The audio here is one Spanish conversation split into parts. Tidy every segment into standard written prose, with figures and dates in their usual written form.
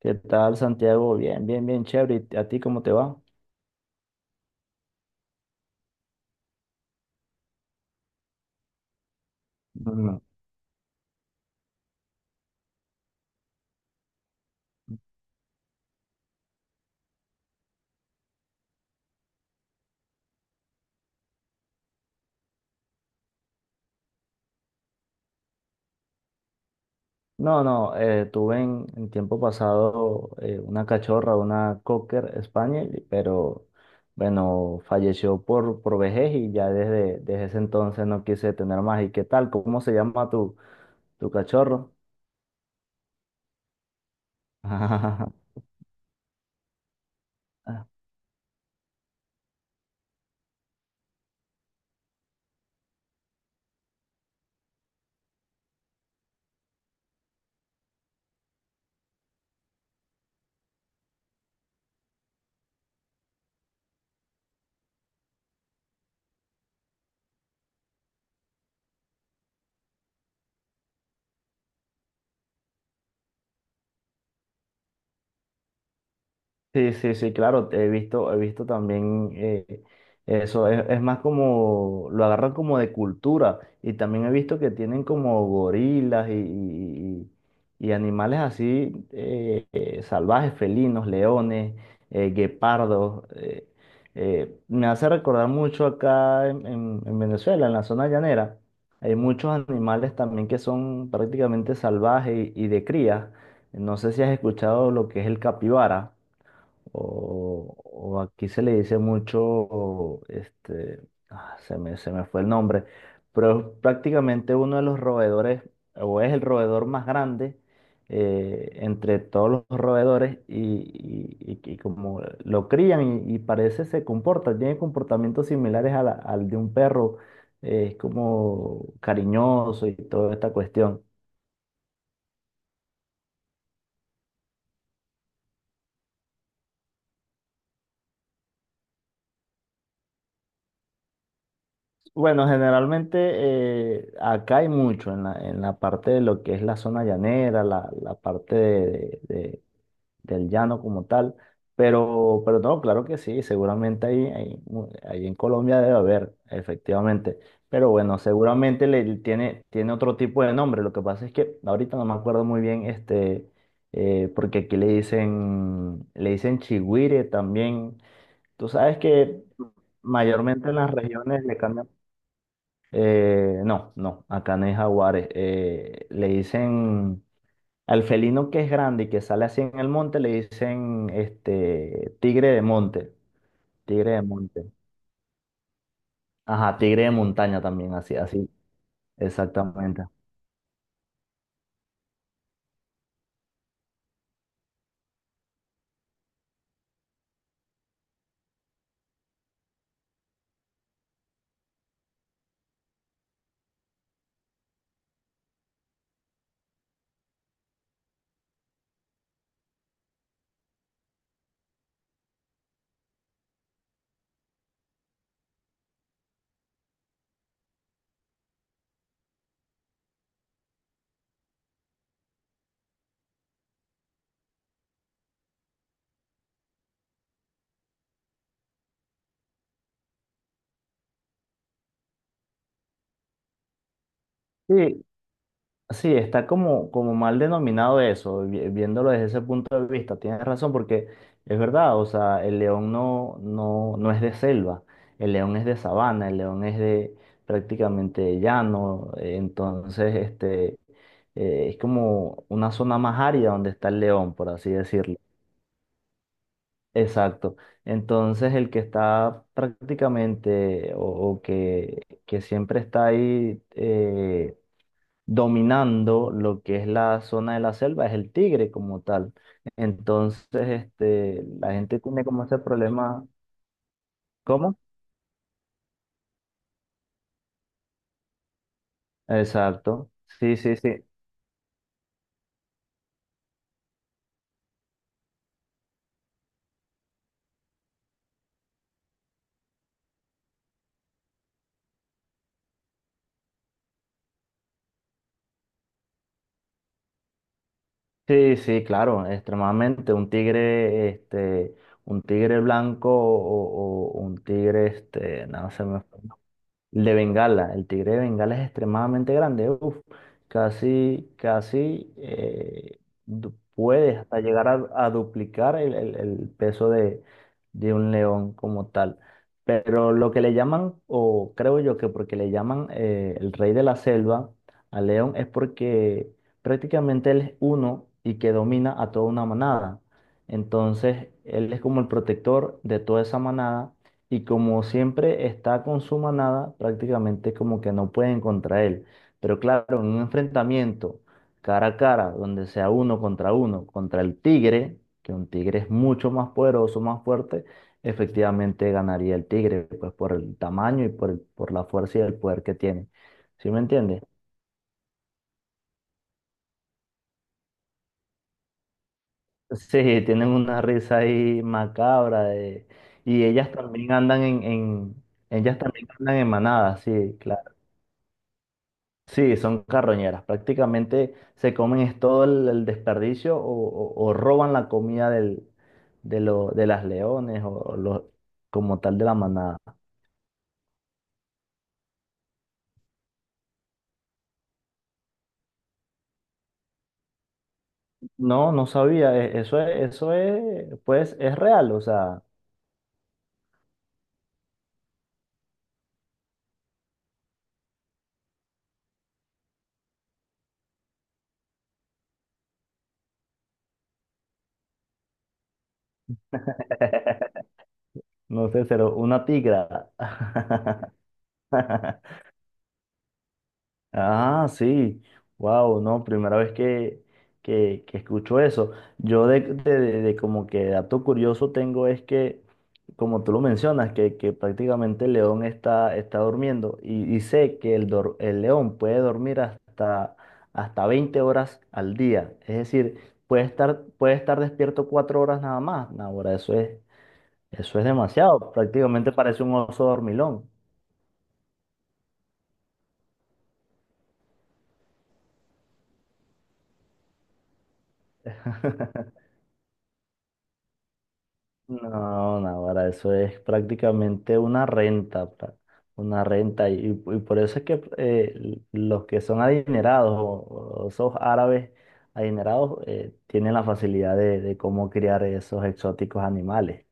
¿Qué tal, Santiago? Bien, bien, bien, chévere. ¿Y a ti cómo te va? Mm. No, no, tuve en tiempo pasado una cachorra, una Cocker Spaniel, pero bueno, falleció por vejez y ya desde ese entonces no quise tener más. ¿Y qué tal? ¿Cómo se llama tu cachorro? Sí, sí, sí, claro, he visto también eso, es más como, lo agarran como de cultura y también he visto que tienen como gorilas y animales así salvajes, felinos, leones, guepardos. Me hace recordar mucho acá en Venezuela, en la zona llanera, hay muchos animales también que son prácticamente salvajes y de cría. No sé si has escuchado lo que es el capibara. O aquí se le dice mucho, este, ah, se me fue el nombre, pero es prácticamente uno de los roedores, o es el roedor más grande entre todos los roedores y como lo crían y parece se comporta, tiene comportamientos similares a la- al de un perro, es como cariñoso y toda esta cuestión. Bueno, generalmente acá hay mucho en la parte de lo que es la zona llanera, la parte de- del llano como tal, pero no, claro que sí, seguramente mu- ahí en Colombia debe haber, efectivamente, pero bueno, seguramente le, tiene, tiene otro tipo de nombre, lo que pasa es que ahorita no me acuerdo muy bien, este, porque aquí le dicen chigüire también, tú sabes que mayormente en las regiones le cambian. No, no, acá no hay jaguares. Le dicen al felino que es grande y que sale así en el monte, le dicen este tigre de monte, tigre de monte. Ajá, tigre de montaña también, así, así, exactamente. Sí, sí, está como, como mal denominado eso, vi- viéndolo desde ese punto de vista. Tienes razón, porque es verdad, o sea, el león no, no, no es de selva, el león es de sabana, el león es de prácticamente llano, entonces este, es como una zona más árida donde está el león, por así decirlo. Exacto. Entonces el que está prácticamente o que siempre está ahí, dominando lo que es la zona de la selva, es el tigre como tal. Entonces, este, la gente tiene como ese problema. ¿Cómo? Exacto. Sí, sí, sí. Sí, sí, claro, extremadamente. Un tigre, este, un tigre blanco o un tigre, este, no sé, el de Bengala, el tigre de Bengala es extremadamente grande, uf, casi, casi du- puede hasta llegar a duplicar el peso de un león como tal. Pero lo que le llaman, o creo yo que porque le llaman el rey de la selva al león es porque prácticamente él es uno y que domina a toda una manada. Entonces, él es como el protector de toda esa manada y como siempre está con su manada, prácticamente como que no pueden contra él. Pero claro, en un enfrentamiento cara a cara, donde sea uno, contra el tigre, que un tigre es mucho más poderoso, más fuerte, efectivamente ganaría el tigre, pues por el tamaño y por, el- por la fuerza y el poder que tiene. ¿Sí me entiendes? Sí, tienen una risa ahí macabra de- y ellas también andan ellas también andan en manadas, sí, claro. Sí, son carroñeras. Prácticamente se comen es todo el desperdicio o roban la comida del, de, lo- de las leones como tal de la manada. No, no sabía. E- eso es, pues es real. O sea, no sé, pero una tigra. Ah, sí. Wow, no, primera vez que, que escucho eso. Yo de como que dato curioso tengo es que, como tú lo mencionas, que prácticamente el león está, está durmiendo y sé que el, dor- el león puede dormir hasta, hasta 20 horas al día. Es decir, puede estar despierto 4 horas nada más. No, ahora, eso es demasiado. Prácticamente parece un oso dormilón. No, Navarra, eso es prácticamente una renta, pra- una renta. Y por eso es que l- los que son adinerados o esos árabes adinerados tienen la facilidad de cómo criar esos exóticos animales.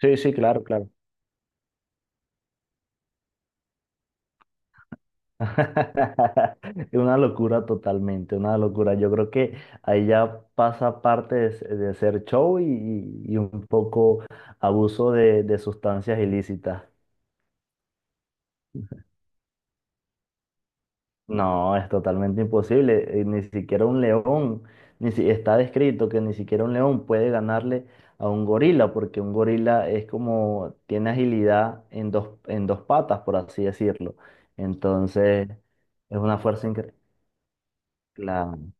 Sí, sí, claro, claro. Una locura totalmente, una locura. Yo creo que ahí ya pasa parte de, s- de hacer show y un poco abuso de sustancias ilícitas. No, es totalmente imposible. Ni siquiera un león, ni si, está descrito que ni siquiera un león puede ganarle a un gorila, porque un gorila es como, tiene agilidad en dos patas, por así decirlo. Entonces, es una fuerza increíble. Claro.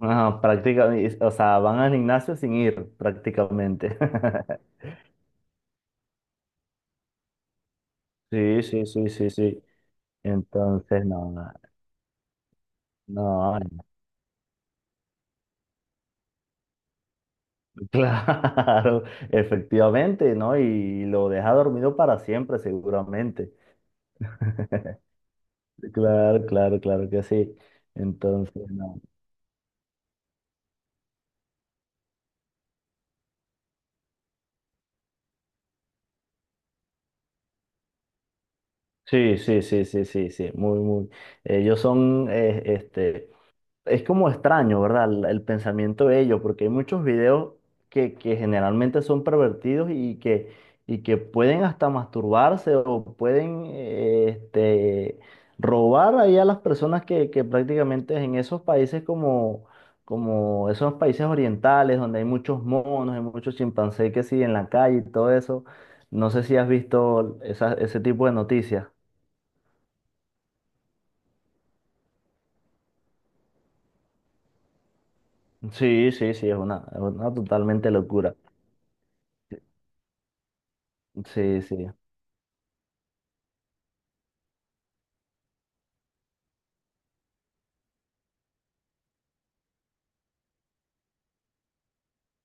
Ajá, prácticamente, o sea, van al gimnasio sin ir, prácticamente. Sí, sí, sí, sí, sí. Entonces, no, no, no, claro, efectivamente, ¿no? Y lo deja dormido para siempre, seguramente. Claro, claro, claro que sí. Entonces, no. Sí, sí, sí, sí, sí, sí, muy, muy. Ellos son, este, es como extraño, ¿verdad? El pensamiento de ellos, porque hay muchos videos que generalmente son pervertidos y que pueden hasta masturbarse o pueden este, robar ahí a las personas que prácticamente en esos países como, como esos países orientales, donde hay muchos monos, hay muchos chimpancés que siguen en la calle y todo eso. No sé si has visto esa- ese tipo de noticias. Sí, sí, sí, es una totalmente locura. Sí, sí.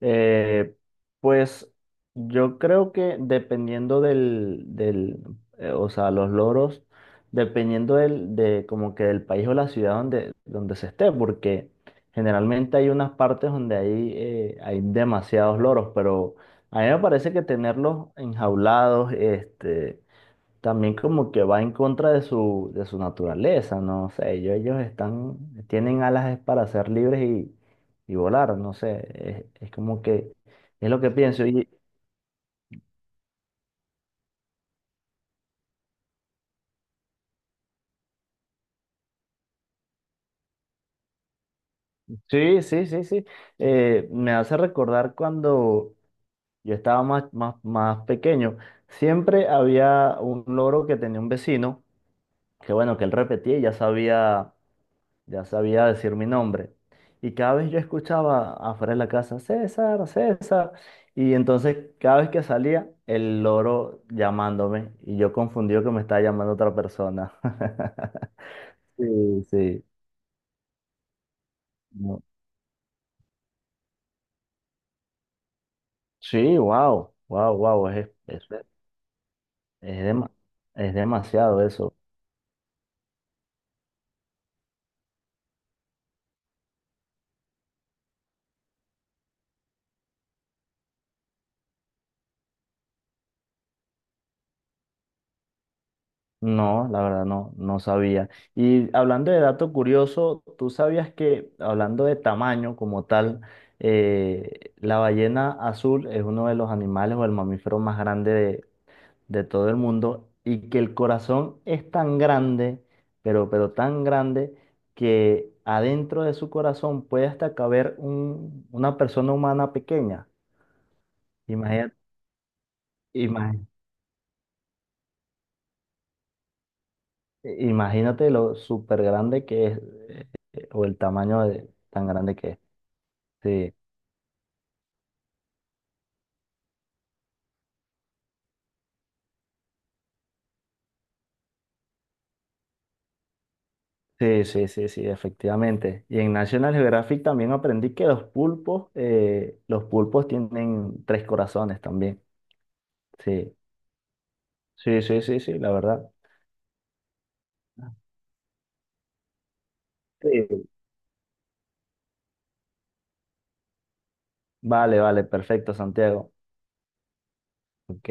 Eh, pues yo creo que dependiendo del, del o sea, los loros, dependiendo del, de como que del país o la ciudad donde, donde se esté, porque generalmente hay unas partes donde hay, hay demasiados loros, pero a mí me parece que tenerlos enjaulados, este, también como que va en contra de su naturaleza, no sé, ellos están, tienen alas es para ser libres y volar, no sé, es como que, es lo que pienso. Sí, sí, sí, sí, me hace recordar cuando yo estaba más, más, más pequeño, siempre había un loro que tenía un vecino, que bueno, que él repetía y ya sabía decir mi nombre. Y cada vez yo escuchaba afuera de la casa, César, César. Y entonces cada vez que salía, el loro llamándome. Y yo confundido que me estaba llamando otra persona. Sí, sí. No. Sí, wow, wow, wow. Es, dema- es demasiado eso. No, la verdad no, no sabía. Y hablando de dato curioso, ¿tú sabías que, hablando de tamaño como tal, la ballena azul es uno de los animales o el mamífero más grande de todo el mundo y que el corazón es tan grande, pero tan grande, que adentro de su corazón puede hasta caber un- una persona humana pequeña? Imagínate, imagínate lo súper grande que es. O el tamaño de- tan grande que es. Sí, sí, sí, sí, sí, efectivamente. Y en National Geographic también aprendí que los pulpos tienen 3 corazones también. Sí, sí, sí, sí, sí, la verdad. Sí. Vale, vale, perfecto, Santiago. Ok.